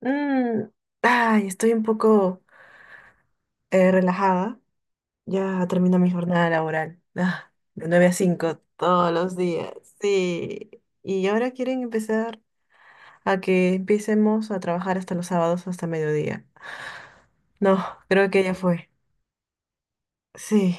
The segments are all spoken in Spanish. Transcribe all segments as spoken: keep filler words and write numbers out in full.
Mm, ay, estoy un poco eh, relajada. Ya termino mi jornada laboral. Ah, de nueve a cinco todos los días. Sí. Y ahora quieren empezar a que empecemos a trabajar hasta los sábados, hasta mediodía. No, creo que ya fue. Sí,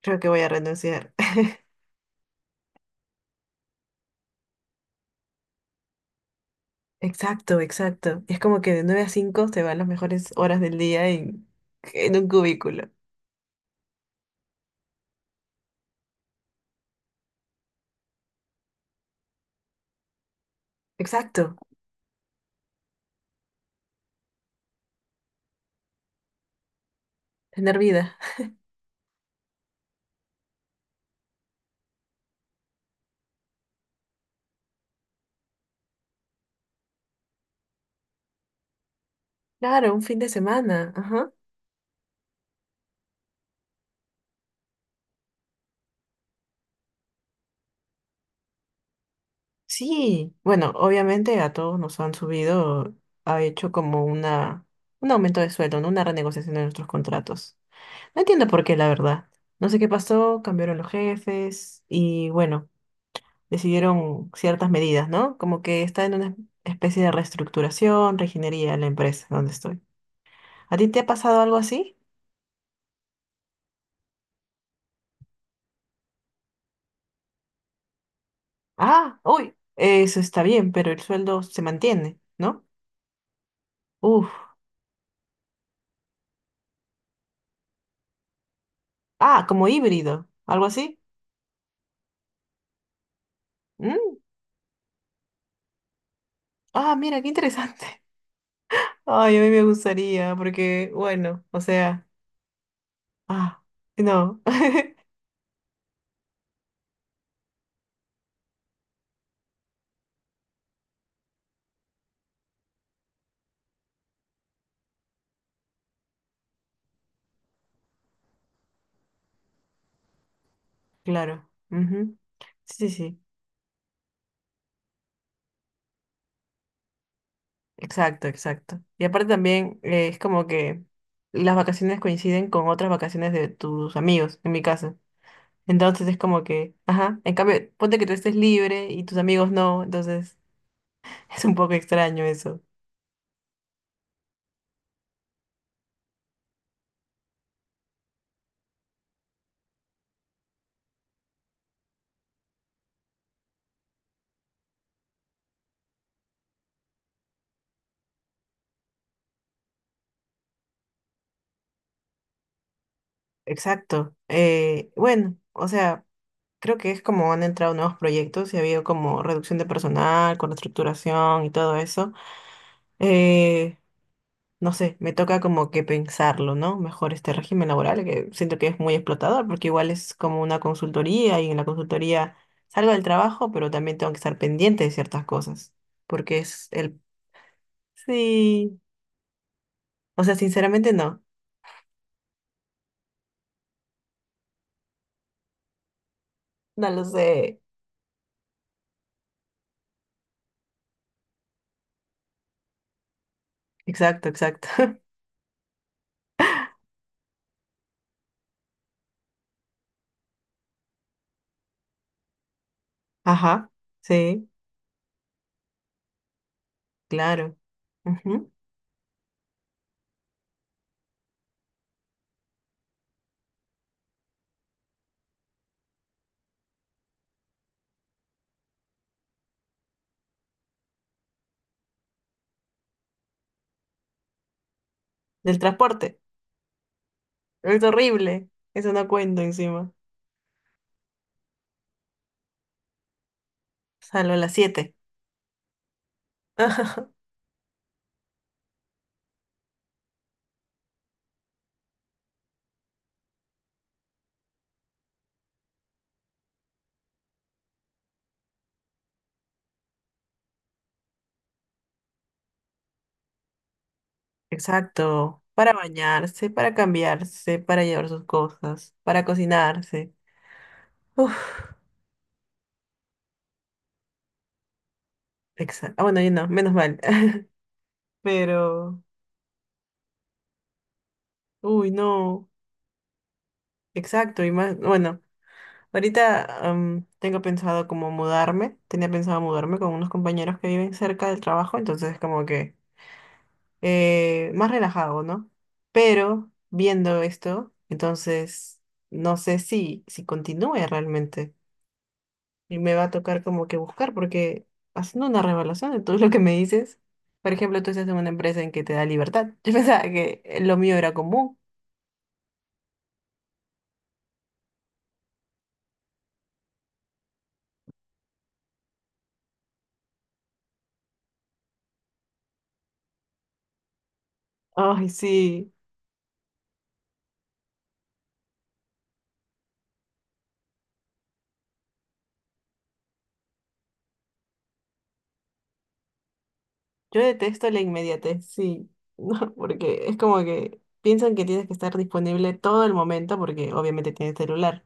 creo que voy a renunciar. Exacto, exacto. Es como que de nueve a cinco te van las mejores horas del día en, en un cubículo. Exacto, tener vida. Claro, un fin de semana. Ajá. Sí, bueno, obviamente a todos nos han subido, ha hecho como una, un aumento de sueldo, ¿no? Una renegociación de nuestros contratos. No entiendo por qué, la verdad. No sé qué pasó, cambiaron los jefes y bueno, decidieron ciertas medidas, ¿no? Como que está en una especie de reestructuración, reginería la empresa donde estoy. ¿A ti te ha pasado algo así? Ah, uy, eso está bien, pero el sueldo se mantiene, ¿no? Uf, ah, como híbrido, algo así. Mm, ah, mira, qué interesante. Ay, a mí me gustaría, porque, bueno, o sea, ah, no, claro, ujú. Sí, sí, sí, exacto, exacto. Y aparte también eh, es como que las vacaciones coinciden con otras vacaciones de tus amigos, en mi caso. Entonces es como que, ajá, en cambio, ponte que tú estés libre y tus amigos no, entonces es un poco extraño eso. Exacto. Eh, bueno, o sea, creo que es como han entrado nuevos proyectos y ha habido como reducción de personal, con reestructuración y todo eso. Eh, no sé, me toca como que pensarlo, ¿no? Mejor este régimen laboral, que siento que es muy explotador, porque igual es como una consultoría y en la consultoría salgo del trabajo, pero también tengo que estar pendiente de ciertas cosas, porque es el... Sí, o sea, sinceramente no, no lo sé. Exacto, exacto. Ajá, sí, claro. Ujú. Del transporte, es horrible, eso no cuento encima. Salgo a las siete. Exacto, para bañarse, para cambiarse, para llevar sus cosas, para cocinarse. Uf, exacto. Ah, bueno, yo no, menos mal. Pero, uy, no, exacto, y más, bueno, ahorita am, tengo pensado como mudarme, tenía pensado mudarme con unos compañeros que viven cerca del trabajo, entonces como que eh, más relajado, ¿no? Pero viendo esto, entonces no sé si, si continúe realmente. Y me va a tocar como que buscar, porque haciendo una revaluación de todo lo que me dices, por ejemplo, tú estás en una empresa en que te da libertad. Yo pensaba que lo mío era común. Ay, sí, yo detesto la inmediatez, sí, no, porque es como que piensan que tienes que estar disponible todo el momento, porque obviamente tienes celular.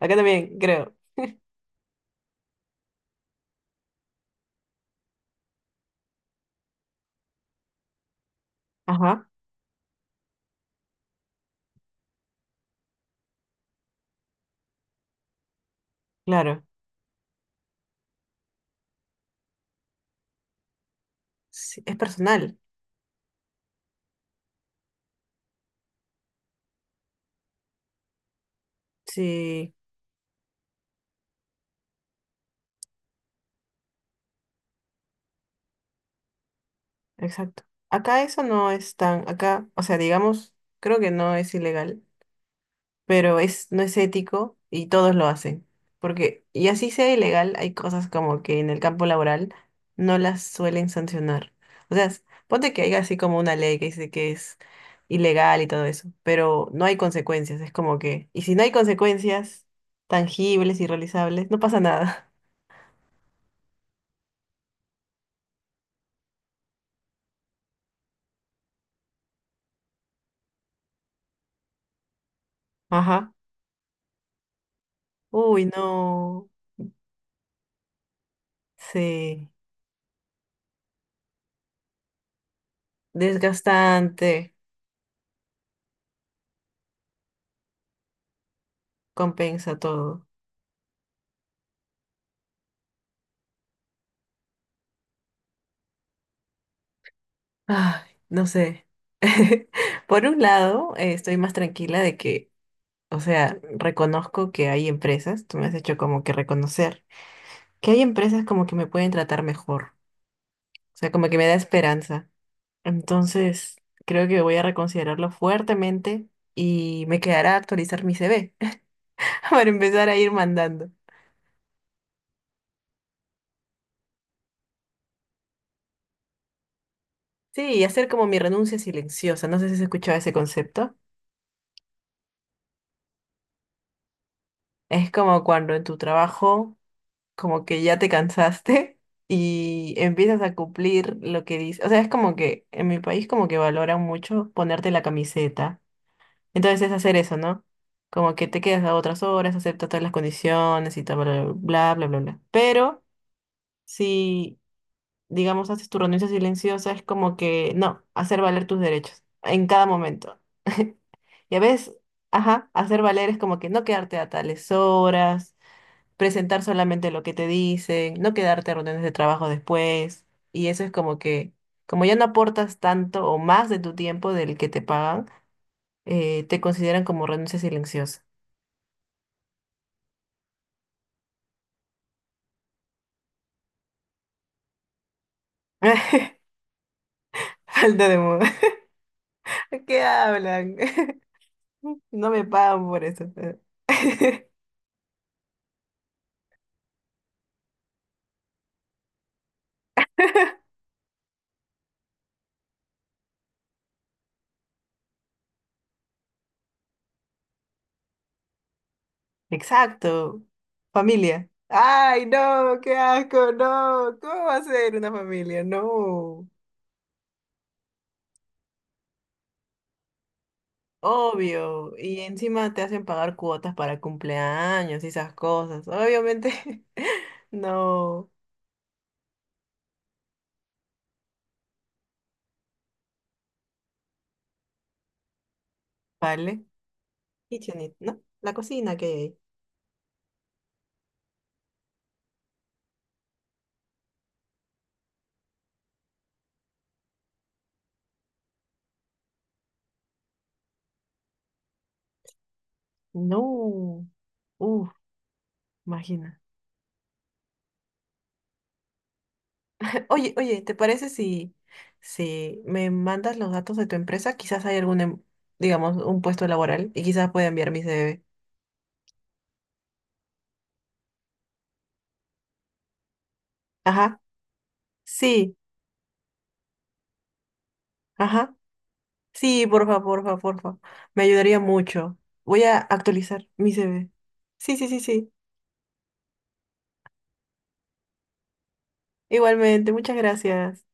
Acá también, creo. Ajá, claro. Sí, es personal. Sí, exacto. Acá eso no es tan, acá, o sea, digamos, creo que no es ilegal, pero es, no es ético y todos lo hacen. Porque, y así sea ilegal, hay cosas como que en el campo laboral no las suelen sancionar. O sea, s- ponte que hay así como una ley que dice que es ilegal y todo eso, pero no hay consecuencias, es como que, y si no hay consecuencias tangibles y realizables, no pasa nada. Ajá. Uy, no. Sí. Desgastante. Compensa todo. Ay, no sé. Por un lado, eh, estoy más tranquila de que, o sea, reconozco que hay empresas, tú me has hecho como que reconocer, que hay empresas como que me pueden tratar mejor, o sea, como que me da esperanza. Entonces, creo que voy a reconsiderarlo fuertemente y me quedará actualizar mi C V. Para empezar a ir mandando. Sí, y hacer como mi renuncia silenciosa, no sé si has escuchado ese concepto. Es como cuando en tu trabajo como que ya te cansaste y empiezas a cumplir lo que dice. O sea, es como que en mi país como que valoran mucho ponerte la camiseta. Entonces es hacer eso, ¿no? Como que te quedas a otras horas, aceptas todas las condiciones y tal, bla, bla, bla, bla, bla. Pero si, digamos, haces tu renuncia silenciosa, es como que, no, hacer valer tus derechos en cada momento. Y a veces, ajá, hacer valer es como que no quedarte a tales horas, presentar solamente lo que te dicen, no quedarte a reuniones de trabajo después. Y eso es como que, como ya no aportas tanto o más de tu tiempo del que te pagan, eh, te consideran como renuncia silenciosa. Falta de moda. ¿Qué hablan? No me pagan por eso. Exacto. Familia. Ay, no, qué asco, no. ¿Cómo va a ser una familia? No. Obvio, y encima te hacen pagar cuotas para cumpleaños y esas cosas. Obviamente, no vale. Kitchenit, ¿no? La cocina que hay ahí. No. Uf, imagina. Oye, oye, ¿te parece si, si me mandas los datos de tu empresa? Quizás hay algún, em- digamos, un puesto laboral y quizás pueda enviar mi C V. Ajá. Sí, ajá. Sí, porfa, porfa, porfa. Me ayudaría mucho. Voy a actualizar mi C V. Sí, sí, sí, sí. Igualmente, muchas gracias.